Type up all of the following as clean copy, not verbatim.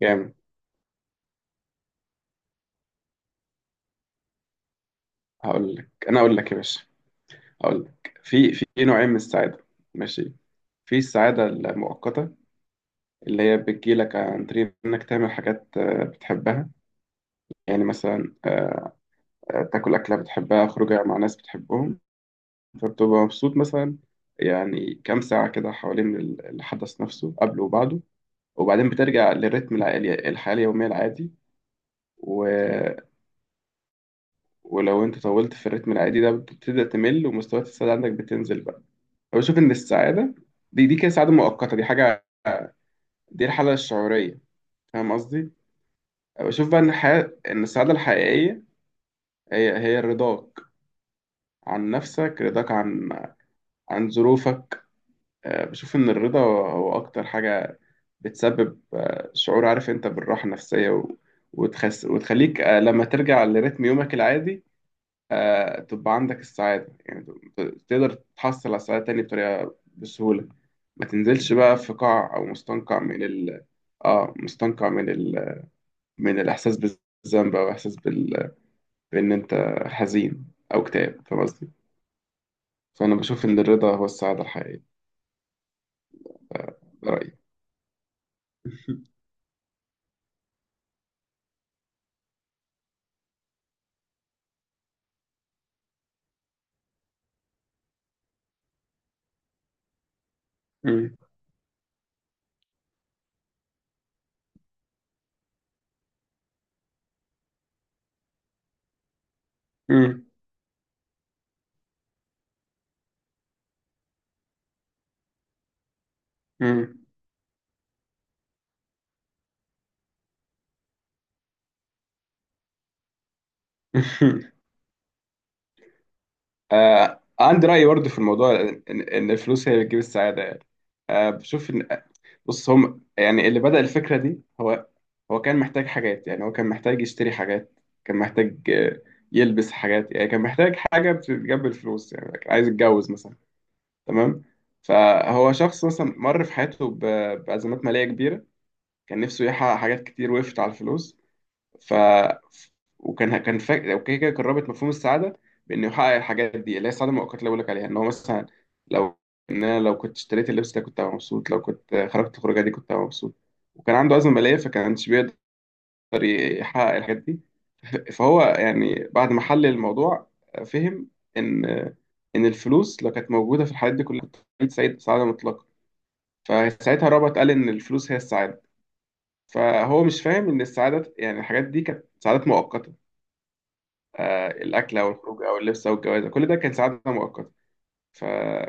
جامد. هقول لك انا اقول لك يا باشا. هقول لك في نوعين من السعاده. ماشي. في السعاده المؤقته اللي هي بتجيلك عن طريق انك تعمل حاجات بتحبها. يعني مثلا تاكل اكله بتحبها، خروجه مع ناس بتحبهم، فبتبقى مبسوط مثلا، يعني كام ساعه كده حوالين الحدث نفسه قبله وبعده، وبعدين بترجع للريتم العالي، الحياه اليوميه العادي. و... ولو انت طولت في الريتم العادي ده بتبتدي تمل، ومستويات السعاده عندك بتنزل بقى. بشوف ان السعاده دي كده سعاده مؤقته، دي حاجه، دي الحاله الشعوريه. فاهم قصدي؟ بشوف بقى ان السعاده الحقيقيه هي رضاك عن نفسك، رضاك عن ظروفك. بشوف ان الرضا هو اكتر حاجه بتسبب شعور، عارف انت، بالراحه النفسيه، وتخليك لما ترجع لريتم يومك العادي تبقى عندك السعادة، يعني ت- تقدر تحصل على السعادة تاني بطريقة بسهولة، ما تنزلش بقى في قاع أو مستنقع من ال اه مستنقع من ال من الإحساس بالذنب، أو إحساس بإن أنت حزين أو اكتئاب. فاهم قصدي؟ فأنا بشوف إن الرضا هو السعادة الحقيقية. ده رأيي. مم. مم. مم. عندي رأي برضه في الموضوع، إن الفلوس هي اللي بتجيب السعادة يعني. آه، بشوف إن بص، هم يعني اللي بدأ الفكرة دي، هو كان محتاج حاجات، يعني هو كان محتاج يشتري حاجات، كان محتاج يلبس حاجات، يعني كان محتاج حاجة بتجيب الفلوس، يعني كان عايز يتجوز مثلا. تمام. فهو شخص مثلا مر في حياته بأزمات مالية كبيرة، كان نفسه يحقق حاجات كتير وقفت على الفلوس. ف وكان فاكر اوكي، كده قربت مفهوم السعاده بانه يحقق الحاجات دي اللي هي السعاده المؤقته اللي بقول لك عليها، ان هو مثلا لو ان انا لو كنت اشتريت اللبس ده كنت هبقى مبسوط، لو كنت خرجت الخروجه دي كنت هبقى مبسوط، وكان عنده ازمه ماليه فكانش بيقدر يحقق الحاجات دي. فهو يعني بعد ما حلل الموضوع فهم ان ان الفلوس لو كانت موجوده في الحاجات دي كلها كنت هبقى سعيد سعاده مطلقه، فساعتها رابط قال ان الفلوس هي السعاده. فهو مش فاهم ان السعاده، يعني الحاجات دي كانت سعادات مؤقته، الأكل أو الخروج أو اللبس أو الجواز، كل ده كان سعادة مؤقتة. ف...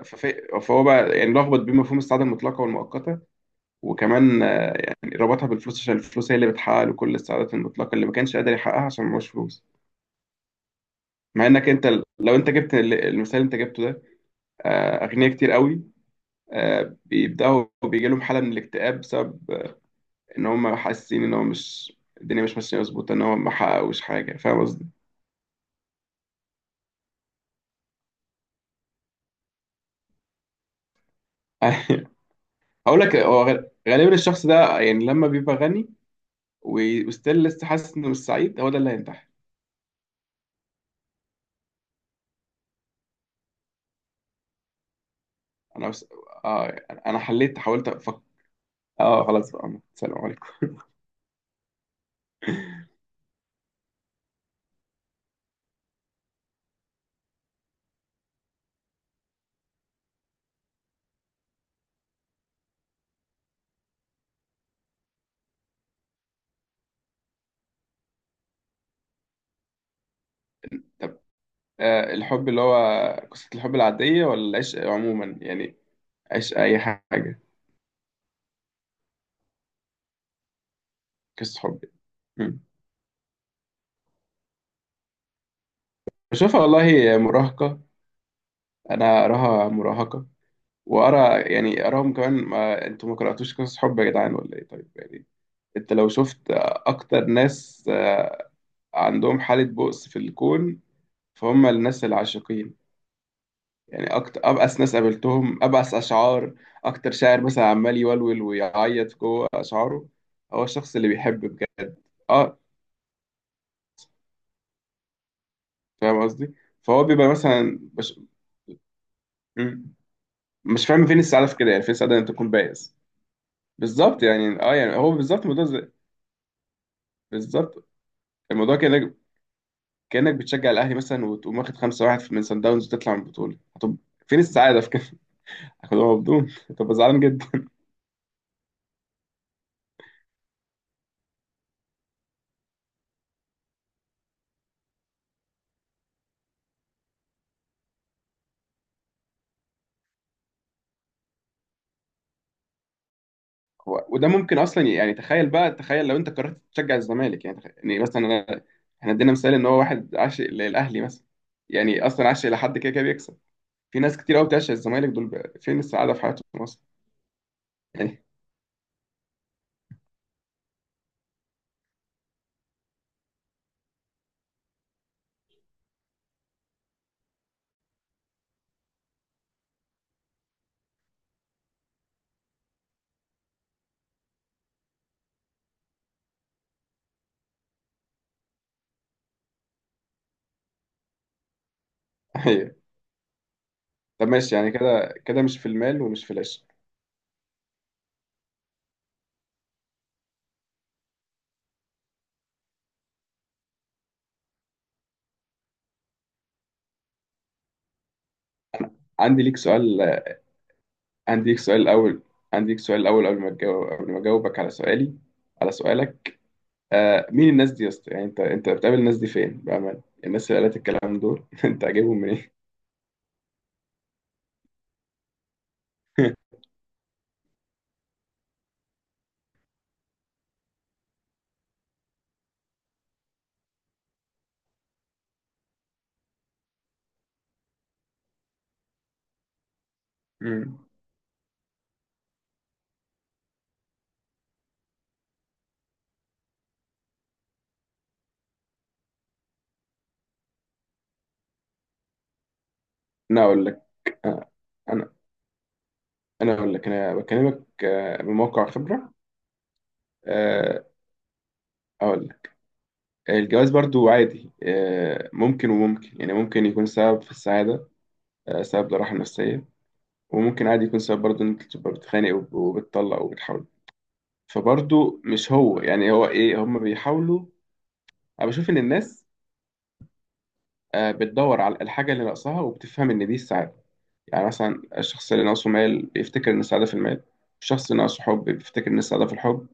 فهو بقى يعني لخبط بين مفهوم السعادة المطلقة والمؤقتة، وكمان ربطها بالفلوس عشان الفلوس هي اللي بتحقق له كل السعادات المطلقة اللي ما كانش قادر يحققها عشان معهوش فلوس. مع إنك أنت لو أنت جبت المثال اللي أنت جبته ده، أغنياء كتير قوي بيبدأوا بيجي لهم حالة من الاكتئاب بسبب إن هم حاسين إن هو مش الدنيا مش ماشية مظبوطة، إن هو ما حققوش حاجة. فاهم قصدي؟ هقول لك هو غالبا الشخص ده يعني لما بيبقى غني وستيل لسه حاسس ان السعيد، هو ده اللي هينتحر. انا بس... آه انا حاولت افكر. اه، خلاص بقى، السلام عليكم. طب، الحب اللي هو قصة الحب العادية ولا العشق عموما، يعني عشق أي حاجة، قصة حب. مم. بشوفها والله مراهقة، أنا أراها مراهقة، وأرى يعني أراهم كمان. ما أنتوا ما قرأتوش قصص حب يا جدعان ولا إيه؟ طيب يعني. أنت لو شفت أكتر ناس عندهم حالة بؤس في الكون، فهم الناس العاشقين. يعني أكتر أبأس ناس قابلتهم، أبأس أشعار، أكتر شاعر مثلا عمال يولول ويعيط جوه أشعاره، هو الشخص اللي بيحب بجد. أه فاهم قصدي؟ فهو بيبقى مثلا مم. مش فاهم فين السعادة في كده؟ يعني فين السعادة إن أنت تكون بائس؟ بالظبط. يعني يعني هو بالظبط. بالظبط الموضوع كأنك بتشجع الأهلي مثلا وتقوم واخد 5-1 من سان داونز وتطلع من البطولة، طب فين السعادة في كده؟ هتبقى زعلان جدا. وده ممكن اصلا، يعني تخيل بقى، تخيل لو انت قررت تشجع الزمالك، يعني يعني مثلا انا، احنا ادينا مثال ان هو واحد عاشق للاهلي مثلا، يعني اصلا عاشق لحد، كده كده بيكسب. في ناس كتير قوي بتعشق الزمالك، دول بقى فين السعاده في حياتهم اصلا يعني؟ أيوة. طب ماشي، يعني كده كده مش في المال ومش في العشق. عندي ليك سؤال عندي ليك سؤال الاول عندي ليك سؤال الاول، قبل ما اجاوبك على سؤالك، مين الناس دي يا اسطى؟ يعني انت بتقابل الناس دي فين بامانه؟ الناس اللي قالت الكلام دول، انت عاجبهم منين؟ إيه؟ انا اقول لك آه، انا انا اقول لك، انا بكلمك من موقع خبره. آه، اقول لك، الجواز برضو عادي، ممكن وممكن يعني، ممكن يكون سبب في السعاده، سبب للراحه النفسيه، وممكن عادي يكون سبب برضو ان انت تبقى بتخانق وبتطلق وبتحاول. فبرضو مش هو، يعني هو ايه هم بيحاولوا. انا بشوف ان الناس بتدور على الحاجه اللي ناقصاها وبتفهم ان دي السعاده. يعني مثلا الشخص اللي ناقصه مال بيفتكر ان السعاده في المال، الشخص اللي ناقصه حب بيفتكر ان السعاده في الحب،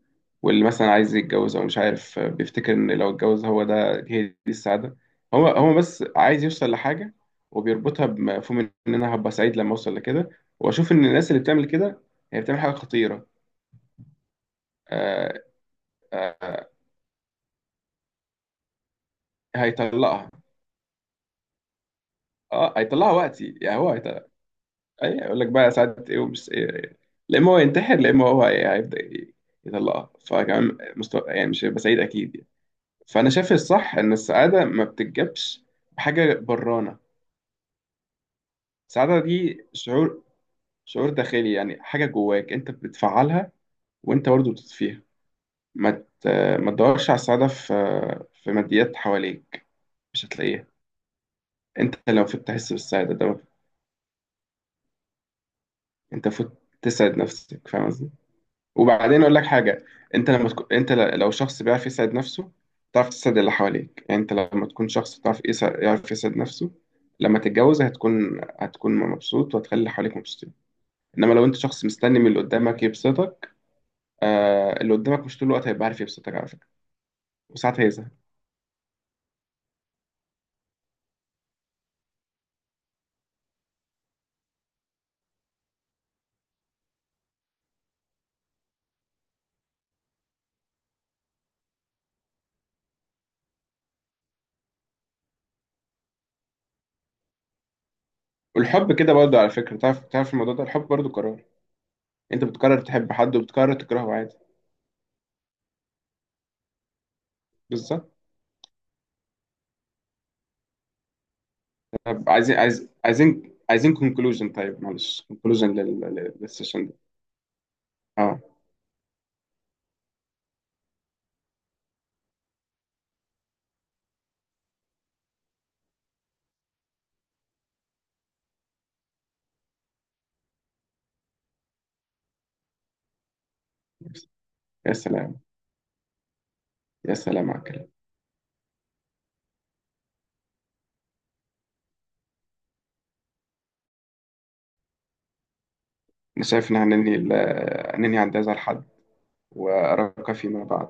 واللي مثلا عايز يتجوز او مش عارف بيفتكر ان لو اتجوز هو ده هي دي السعاده. هو بس عايز يوصل لحاجه، وبيربطها بمفهوم ان انا هبقى سعيد لما اوصل لكده. واشوف ان الناس اللي بتعمل كده هي بتعمل حاجه خطيره. آه آه هيطلقها اه هيطلقها وقتي، يعني هو، اي، يقول لك بقى ساعات ايه ومش ايه. إيه. لا اما هو ينتحر، لا اما هو هيبدا يطلقها، فكمان مستوى، يعني مش هيبقى سعيد اكيد يعني. فانا شايف الصح ان السعاده ما بتتجابش بحاجه برانه. السعاده دي شعور، شعور داخلي يعني، حاجه جواك انت بتفعلها وانت برضه بتطفيها. ما ت- ما تدورش على السعاده في ماديات حواليك، مش هتلاقيها. انت لو فت تحس بالسعاده ده، انت فت تسعد نفسك. فاهم قصدي؟ وبعدين اقول لك حاجه، انت لما تكون، لو شخص بيعرف يسعد نفسه، تعرف تسعد اللي حواليك. يعني انت لما تكون شخص تعرف يعرف يسعد نفسه، لما تتجوز هتكون مبسوط وهتخلي اللي حواليك مبسوطين. انما لو انت شخص مستني من اللي قدامك يبسطك، اللي قدامك مش طول الوقت هيبقى عارف يبسطك على فكره، وساعات هيزهق. والحب كده برضه على فكره، تعرف، الموضوع ده، الحب برضه قرار، انت بتقرر تحب حد وبتقرر تكرهه عادي. بالظبط. طب، عايزين عايز عايزين عايزين كونكلوجن طيب معلش كونكلوجن للسيشن ده. اه. يا سلام، يا سلام على الكلام. انا شايف ان هننهي عند هذا الحد، وارقى فيما بعد.